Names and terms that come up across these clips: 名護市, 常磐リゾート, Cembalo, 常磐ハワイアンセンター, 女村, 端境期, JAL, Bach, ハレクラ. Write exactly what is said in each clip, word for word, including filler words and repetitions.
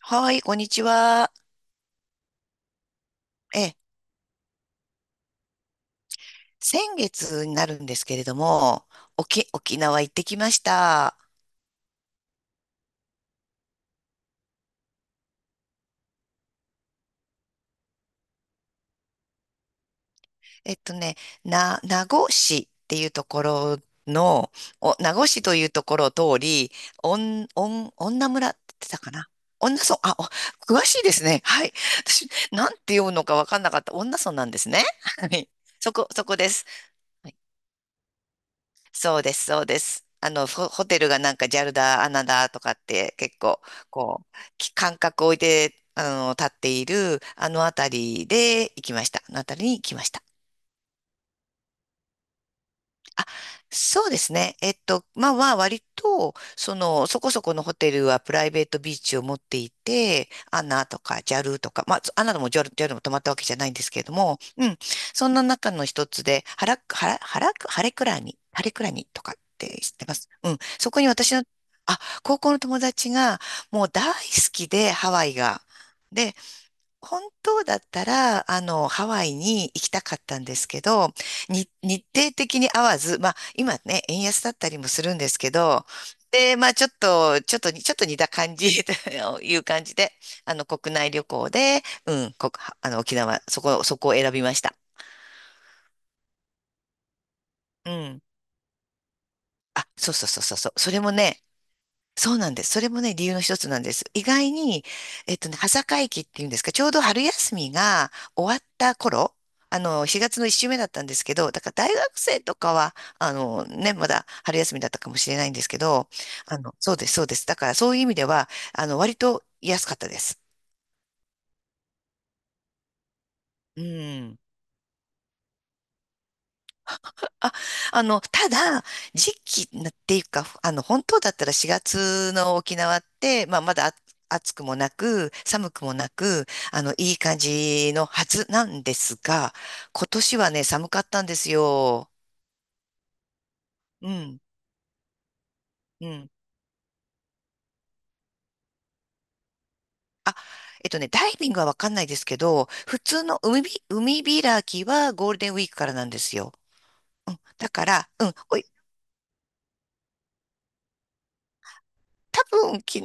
はい、こんにちは。え、先月になるんですけれども、沖、沖縄行ってきました。えっとね、な、名護市っていうところの、お、名護市というところを通り、おん、おん、女村って言ってたかな。女村、あ、お詳しいですね。はい。私、なんて読むのかわかんなかった。女村なんですね。はい。そこ、そこです。そうです、そうです。あの、ホホテルがなんかジャルだ、アナだとかって結構、こう、き間隔を置いて、あの、立っている、あのあたりで行きました。あのあたりに行きました。あ、そうですね。えっと、まあまあ、割と、その、そこそこのホテルはプライベートビーチを持っていて、アナとかジャルとか、まあ、アナでもジャル ジャル も泊まったわけじゃないんですけれども、うん、そんな中の一つで、ハ原、クハラハレクラに、ハレクラにとかって知ってます？うん、そこに私の、あ、高校の友達が、もう大好きで、ハワイが。本当だったら、あの、ハワイに行きたかったんですけど、に日程的に合わず、まあ、今ね、円安だったりもするんですけど、で、まあ、ちょっと、ちょっと、ちょっと似た感じ という感じで、あの、国内旅行で、うん、こ、あの、沖縄、そこ、そこを選びました。うん。あ、そうそうそうそうそう。それもね、そうなんです。それもね、理由の一つなんです。意外に、えっとね、端境期っていうんですか、ちょうど春休みが終わった頃、あの、しがつのいっ週目だったんですけど、だから大学生とかは、あの、ね、まだ春休みだったかもしれないんですけど、あの、そうです、そうです。だからそういう意味では、あの、割と安かったです。うん。あ、あの、ただ、時期っていうか、あの、本当だったらしがつの沖縄って、まあ、まだあ暑くもなく、寒くもなく、あの、いい感じのはずなんですが、今年はね、寒かったんですよ。うん、うん。あ、えっとね、ダイビングはわかんないですけど、普通の海び、海開きはゴールデンウィークからなんですよ。うん、だから、うん、おい、多分昨日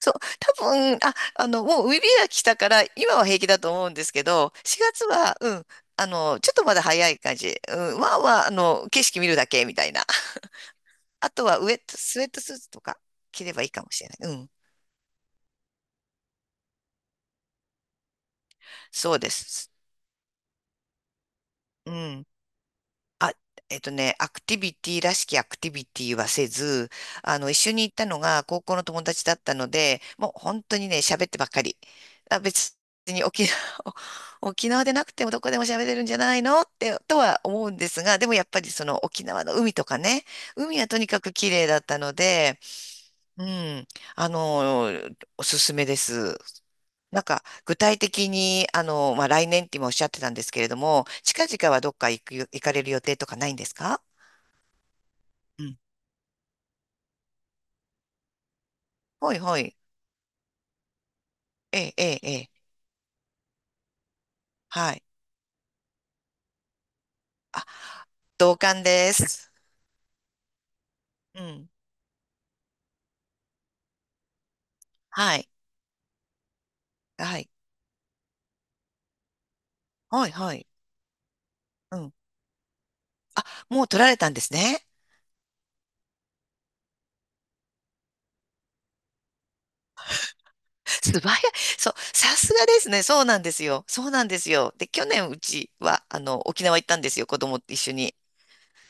そう、多分、あ、あの、もう海開きしたから、今は平気だと思うんですけど、しがつは、うん、あの、ちょっとまだ早い感じ。うん、まあまあ、あの、景色見るだけみたいな。あとはウェット、スウェットスーツとか着ればいいかもしれない。うん、そうです。うん。あ、えっとね、アクティビティらしきアクティビティはせず、あの、一緒に行ったのが高校の友達だったので、もう本当にね、喋ってばっかり。あ、別に沖縄、沖縄でなくてもどこでも喋れるんじゃないのって、とは思うんですが、でもやっぱりその沖縄の海とかね、海はとにかく綺麗だったので、うん、あの、おすすめです。なんか、具体的に、あの、まあ、来年って今おっしゃってたんですけれども、近々はどっか行く、行かれる予定とかないんですか？うん。ほいほい。ええ、ええ、ええ。はい。あ、同感です。うん。はい。はい。はいはい。うん。もう取られたんですね。素早い。そう。さすがですね。そうなんですよ。そうなんですよ。で、去年うちは、あの、沖縄行ったんですよ。子供と一緒に。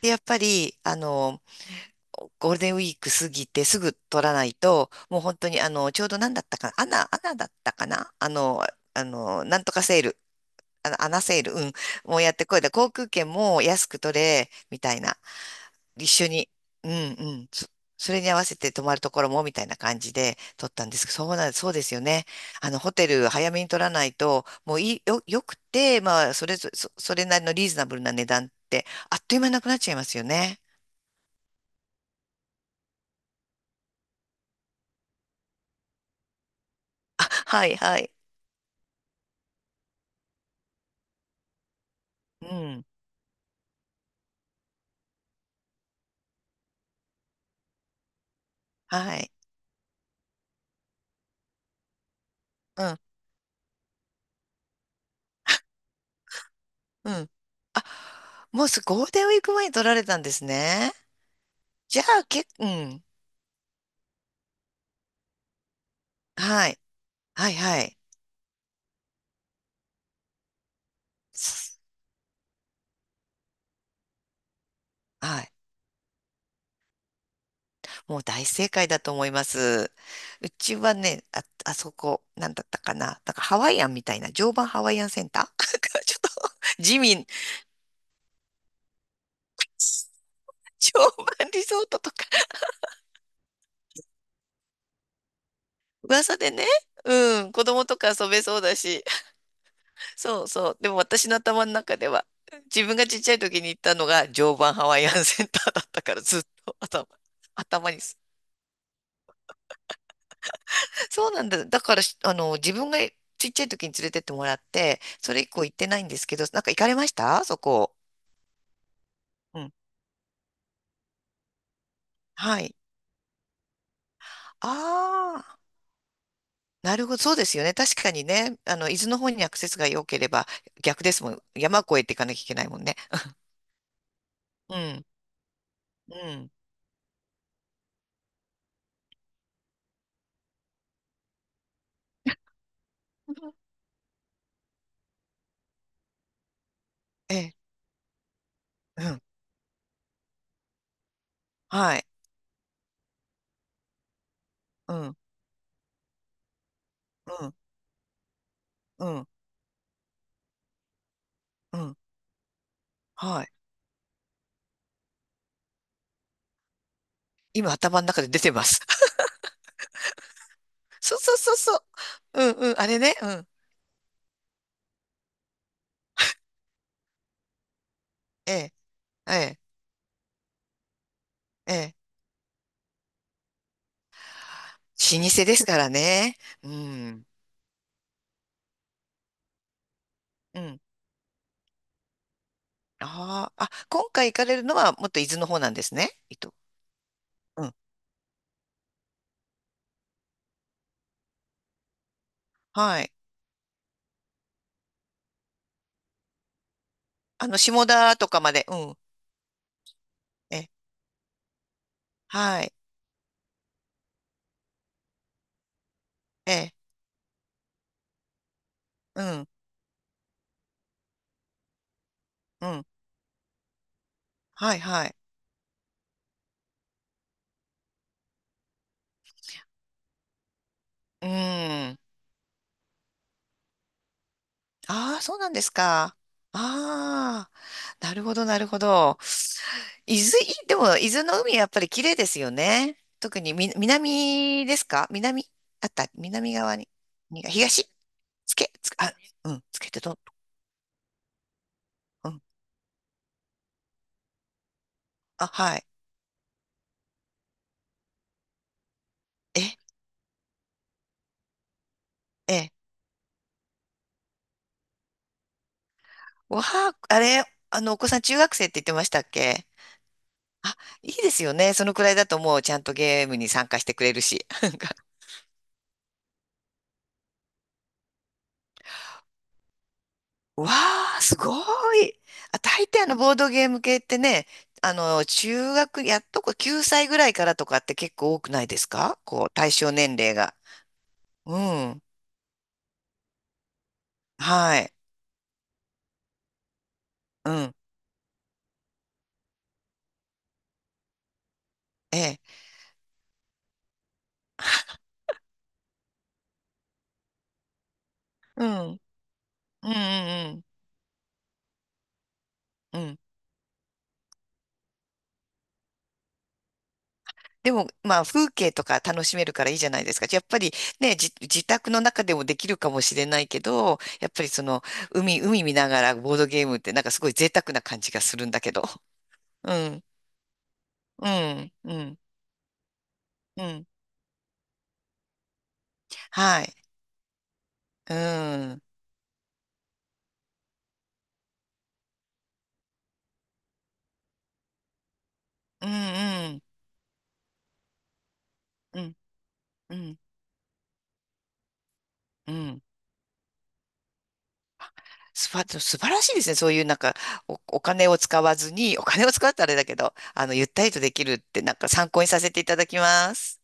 で、やっぱり、あの、ゴールデンウィーク過ぎてすぐ取らないと、もう本当にあの、ちょうど何だったかな、アナ、アナだったかな、あの、あの、なんとかセール、あの、アナセール、うん、もうやってこいだ、航空券も安く取れ、みたいな、一緒に、うんうん、そ、それに合わせて泊まるところも、みたいな感じで取ったんですけど、そうなん、そうですよね。あの、ホテル早めに取らないと、もういい、よ、よくて、まあ、それぞそ、それなりのリーズナブルな値段って、あっという間なくなっちゃいますよね。あ、はいはい。うん、はい。うん、うん。もうす、ゴールデンウィーク前に取られたんですね。じゃあ、け、うん。はい。はい、はい。すはい。もう大正解だと思います。うちはね、あ、あそこ、なんだったかな。なんかハワイアンみたいな、常磐ハワイアンセンター ちょっと、地味、常磐リゾートとか、噂でね、うん、子供とか遊べそうだし、そうそう。でも私の頭の中では、自分がちっちゃい時に行ったのが常磐ハワイアンセンターだったからずっと頭、頭にす。そうなんだ。だからし、あの、自分がちっちゃい時に連れてってもらって、それ以降行ってないんですけど、なんか行かれました？そこ。うん。はい。ああ、なるほど。そうですよね。確かにね、あの、伊豆の方にアクセスが良ければ逆ですもん。山越えていかなきゃいけないもんね。うん。うん。ええ、うん。はい。うん。うん。うん。うん。はい。今頭の中で出てます。そうそうそうそう。うんうん、あれね。うん。ええ、ええ、ええ。老舗ですからね。うん。うん。ああ、あ、今回行かれるのはもっと伊豆の方なんですね。伊豆。うん。はい。あの、下田とかまで。うん。ええ、はい。ええ、うん。うん。はい、はい。うん。ああ、そうなんですか。ああ、なるほど、なるほど。伊豆、いでも、伊豆の海やっぱり綺麗ですよね。特にみ、南ですか？南あった、南側に。に東つけ、つけ、あ、うん、つけてどう、うん。あ、はい。え、ええ、わあ、あれ、あの、お子さん中学生って言ってましたっけ？あ、いいですよね。そのくらいだともうちゃんとゲームに参加してくれるし。わあ、すごい。あ、大抵あのボードゲーム系ってね、あの、中学、やっとこきゅうさいぐらいからとかって結構多くないですか？こう、対象年齢が。うん。はい。うん。ええ。うん。うんうんうん。うん。でも、まあ、風景とか楽しめるからいいじゃないですか。やっぱりね、じ、自宅の中でもできるかもしれないけど、やっぱりその、海、海見ながらボードゲームってなんかすごい贅沢な感じがするんだけど。うん。うん。うん。うん。はい。うん。うんうん。うん。うん。うんすば、素晴らしいですね。そういうなんかお、お金を使わずに、お金を使うとあれだけど、あの、ゆったりとできるってなんか参考にさせていただきます。